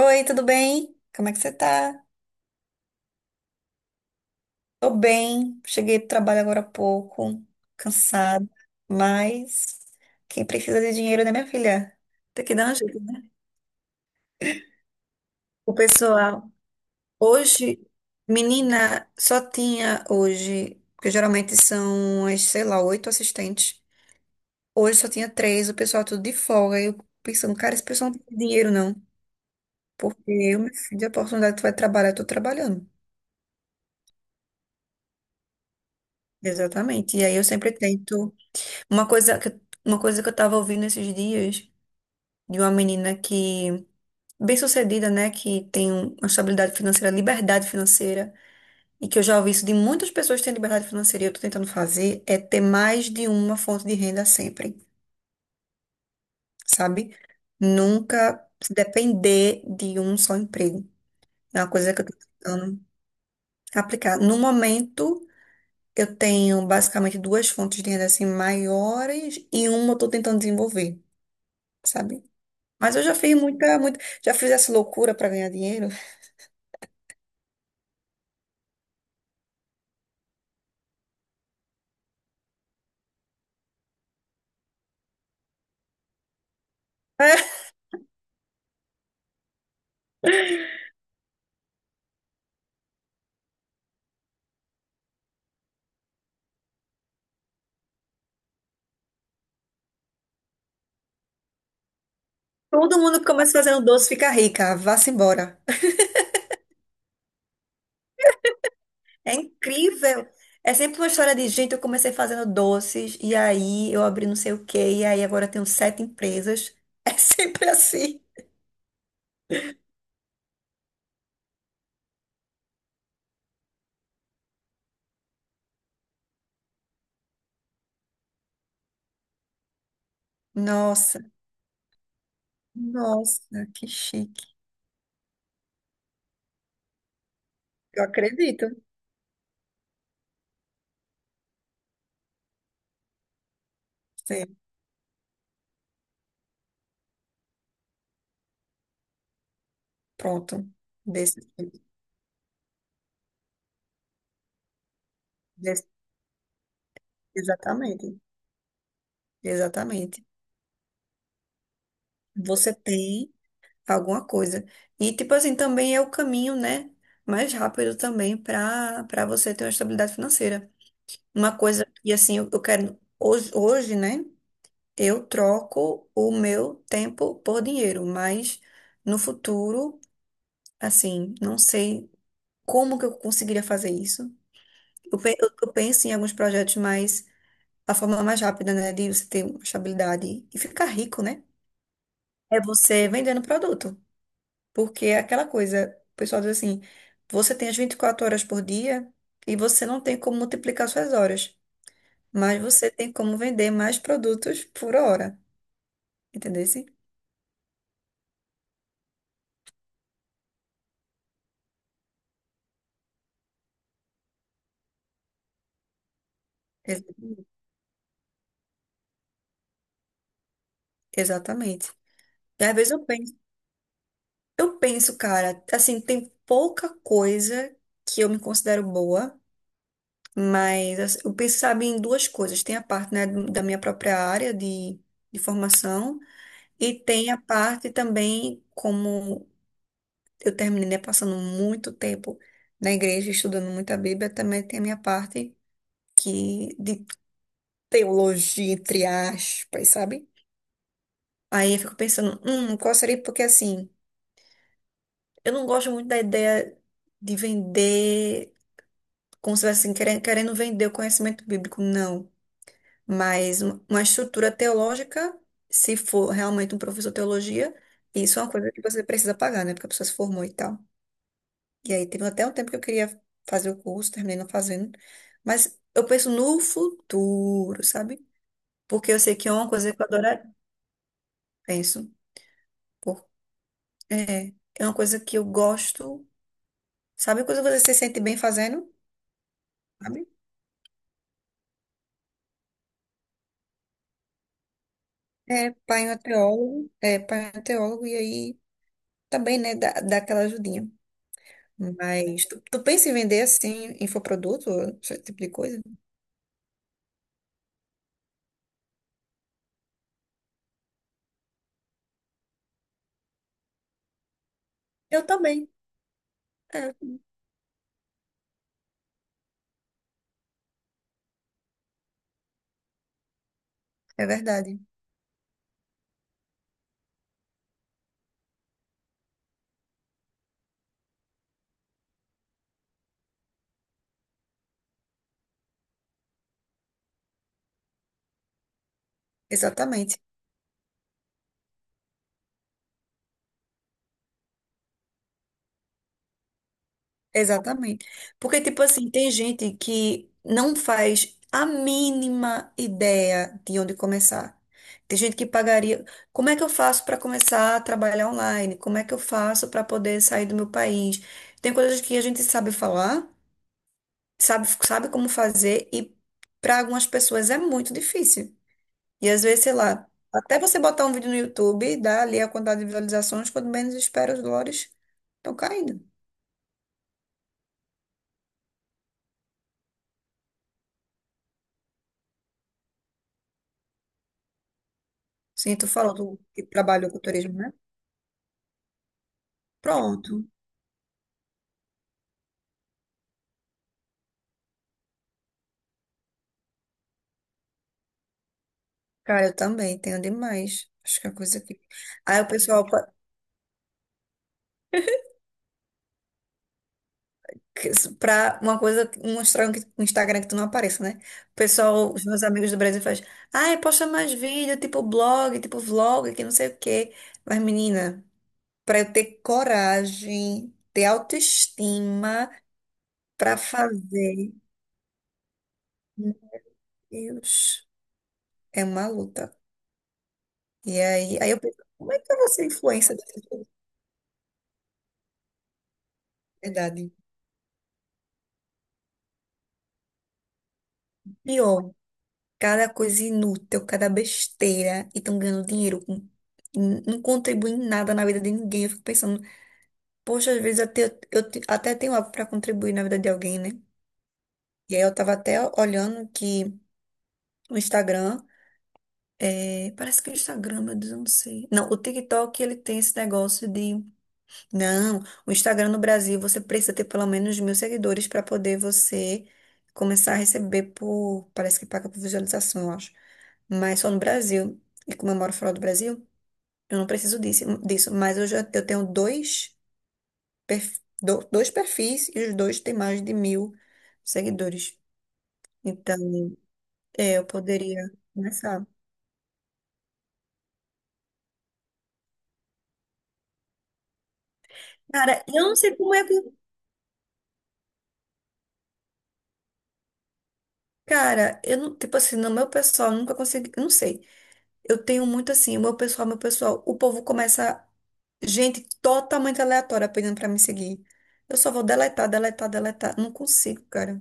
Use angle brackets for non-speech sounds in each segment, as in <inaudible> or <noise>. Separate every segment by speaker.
Speaker 1: Oi, tudo bem? Como é que você tá? Tô bem, cheguei do trabalho agora há pouco, cansada, mas quem precisa de dinheiro, né, minha filha? Tem que dar um jeito, né? O pessoal, hoje, menina, só tinha hoje, porque geralmente são, as, sei lá, oito assistentes. Hoje só tinha três, o pessoal tudo de folga. E eu pensando, cara, esse pessoal não tem dinheiro, não. Porque eu, minha filha, a oportunidade que tu vai trabalhar, eu tô trabalhando. Exatamente. E aí eu sempre tento. Uma coisa que, uma coisa que eu tava ouvindo esses dias de uma menina que, bem-sucedida, né, que tem uma estabilidade financeira, liberdade financeira, e que eu já ouvi isso de muitas pessoas que têm liberdade financeira e eu tô tentando fazer, é ter mais de uma fonte de renda sempre, sabe? Nunca se depender de um só emprego. É uma coisa que eu tô tentando aplicar. No momento, eu tenho basicamente duas fontes de renda assim maiores e uma eu tô tentando desenvolver. Sabe? Mas eu já fiz muita, muita, já fiz essa loucura para ganhar dinheiro. <laughs> É, todo mundo que começa fazendo doce fica rica, vá-se embora. É incrível. É sempre uma história de gente, eu comecei fazendo doces, e aí eu abri não sei o quê, e aí agora eu tenho sete empresas. <laughs> É sempre assim. Nossa, nossa, que chique. Eu acredito. Sim, pronto. Desse, desse- exatamente, exatamente. Você tem alguma coisa. E tipo assim, também é o caminho, né, mais rápido também para você ter uma estabilidade financeira. Uma coisa que assim, eu quero hoje, hoje, né, eu troco o meu tempo por dinheiro, mas no futuro, assim, não sei como que eu conseguiria fazer isso. Eu penso em alguns projetos mais a forma mais rápida, né, de você ter uma estabilidade e ficar rico, né? É você vendendo produto. Porque é aquela coisa, o pessoal diz assim, você tem as 24 horas por dia e você não tem como multiplicar suas horas, mas você tem como vender mais produtos por hora, entendeu? Exatamente. E às vezes eu penso, cara, assim, tem pouca coisa que eu me considero boa, mas assim, eu penso, sabe, em duas coisas. Tem a parte, né, da minha própria área de formação e tem a parte também como eu terminei, né, passando muito tempo na igreja, estudando muita Bíblia. Também tem a minha parte que de teologia, entre aspas, sabe? Aí eu fico pensando, qual seria? Porque assim, eu não gosto muito da ideia de vender, como se estivesse assim, querendo, querendo vender o conhecimento bíblico, não. Mas uma estrutura teológica, se for realmente um professor de teologia, isso é uma coisa que você precisa pagar, né? Porque a pessoa se formou e tal. E aí teve até um tempo que eu queria fazer o curso, terminei não fazendo. Mas eu penso no futuro, sabe? Porque eu sei que é uma coisa que eu adoraria. Penso. Por... É, é uma coisa que eu gosto. Sabe quando você se sente bem fazendo? Sabe? É, pai é um teólogo. É, pai é um teólogo. E aí também, né, dá aquela ajudinha. Mas tu pensa em vender assim, infoproduto, esse tipo de coisa? Eu também. É, é verdade. Exatamente. Exatamente. Porque, tipo assim, tem gente que não faz a mínima ideia de onde começar. Tem gente que pagaria. Como é que eu faço para começar a trabalhar online? Como é que eu faço para poder sair do meu país? Tem coisas que a gente sabe falar, sabe, sabe como fazer, e para algumas pessoas é muito difícil. E às vezes, sei lá, até você botar um vídeo no YouTube, dá ali a quantidade de visualizações, quando menos espera, os dólares estão caindo. Sim, tu falou do que trabalhou com turismo, né? Pronto. Cara, eu também tenho demais. Acho que é a coisa que. Aí o pessoal, que- pra uma coisa, um Instagram que tu não apareça, né? O pessoal, os meus amigos do Brasil faz, ai, posta mais vídeo, tipo blog, tipo vlog, que não sei o quê. Mas, menina, pra eu ter coragem, ter autoestima pra fazer, meu Deus, é uma luta. E aí, eu penso, como é que eu vou ser influência dessas coisas, na verdade? Pior. Cada coisa inútil, cada besteira e estão ganhando dinheiro com não contribui em nada na vida de ninguém. Eu fico pensando, poxa, às vezes até, até tenho algo para contribuir na vida de alguém, né? E aí eu tava até olhando que o Instagram, é, parece que o Instagram, meu Deus, eu não sei. Não, o TikTok, ele tem esse negócio de, não, o Instagram no Brasil, você precisa ter pelo menos 1.000 seguidores para poder você começar a receber por, parece que paga por visualização, eu acho. Mas só no Brasil. E como eu moro fora do Brasil, eu não preciso disso, mas eu tenho dois perfis e os dois têm mais de 1.000 seguidores. Então, é, eu poderia começar. Cara, eu não sei como é que. Cara, eu não, tipo assim, no meu pessoal, eu nunca consegui. Eu Não sei. Eu tenho muito assim, o meu pessoal, meu pessoal. O povo começa. Gente totalmente aleatória pedindo pra me seguir. Eu só vou deletar, deletar, deletar. Não consigo, cara.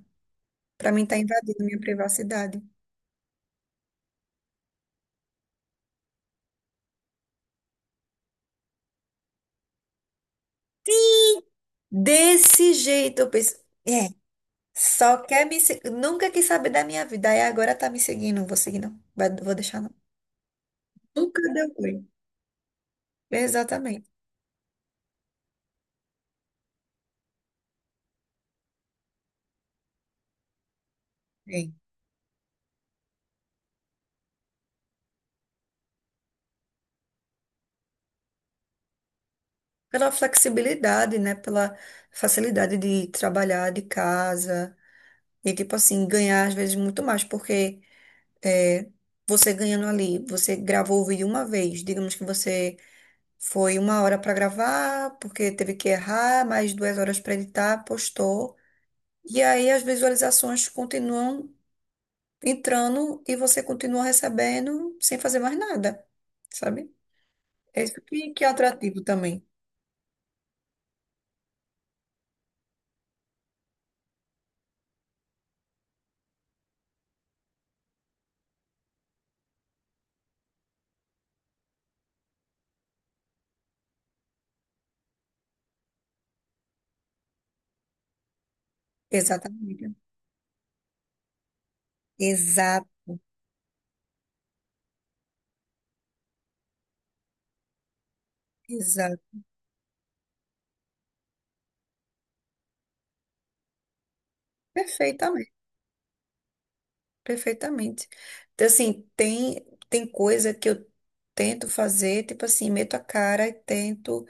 Speaker 1: Pra mim tá invadindo minha privacidade. Desse jeito, eu penso. É. Só quer me se- Nunca quis saber da minha vida. Aí agora tá me seguindo. Não vou seguir, não. Vou deixar, não. Nunca deu oi. Exatamente. Sim. Pela flexibilidade, né? Pela facilidade de trabalhar de casa. E, tipo assim, ganhar às vezes muito mais. Porque é, você ganhando ali, você gravou o vídeo uma vez. Digamos que você foi 1 hora para gravar, porque teve que errar, mais 2 horas para editar, postou. E aí as visualizações continuam entrando e você continua recebendo sem fazer mais nada, sabe? É isso que é atrativo também. Exatamente. Exato, exato. Perfeitamente, perfeitamente. Então, assim, tem coisa que eu tento fazer, tipo assim, meto a cara e tento.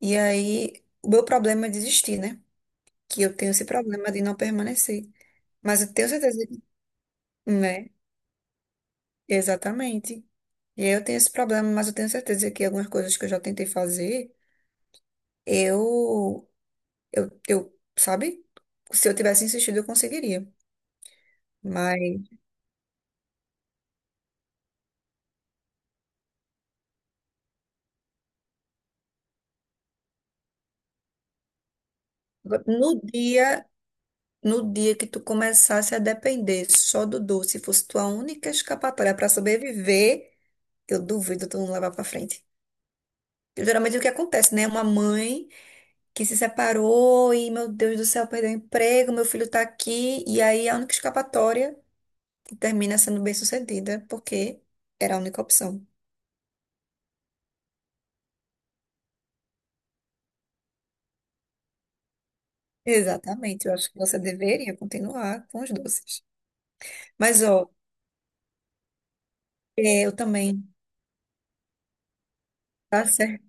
Speaker 1: E aí, o meu problema é desistir, né? Que eu tenho esse problema de não permanecer. Mas eu tenho certeza que, né? Exatamente. E aí eu tenho esse problema, mas eu tenho certeza que algumas coisas que eu já tentei fazer. Eu, eu, sabe? Se eu tivesse insistido, eu conseguiria. Mas no dia, no dia que tu começasse a depender só do doce, fosse tua única escapatória para sobreviver, eu duvido tu não levar para frente. Geralmente o que acontece, né? Uma mãe que se separou e, meu Deus do céu, perdeu o emprego, meu filho tá aqui, e aí a única escapatória termina sendo bem-sucedida, porque era a única opção. Exatamente, eu acho que você deveria continuar com os doces. Mas, ó, é, eu também, tá certo?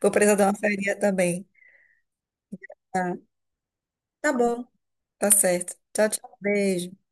Speaker 1: Vou precisar dar uma feirinha também. Tá, tá bom, tá certo. Tchau, tchau. Beijo.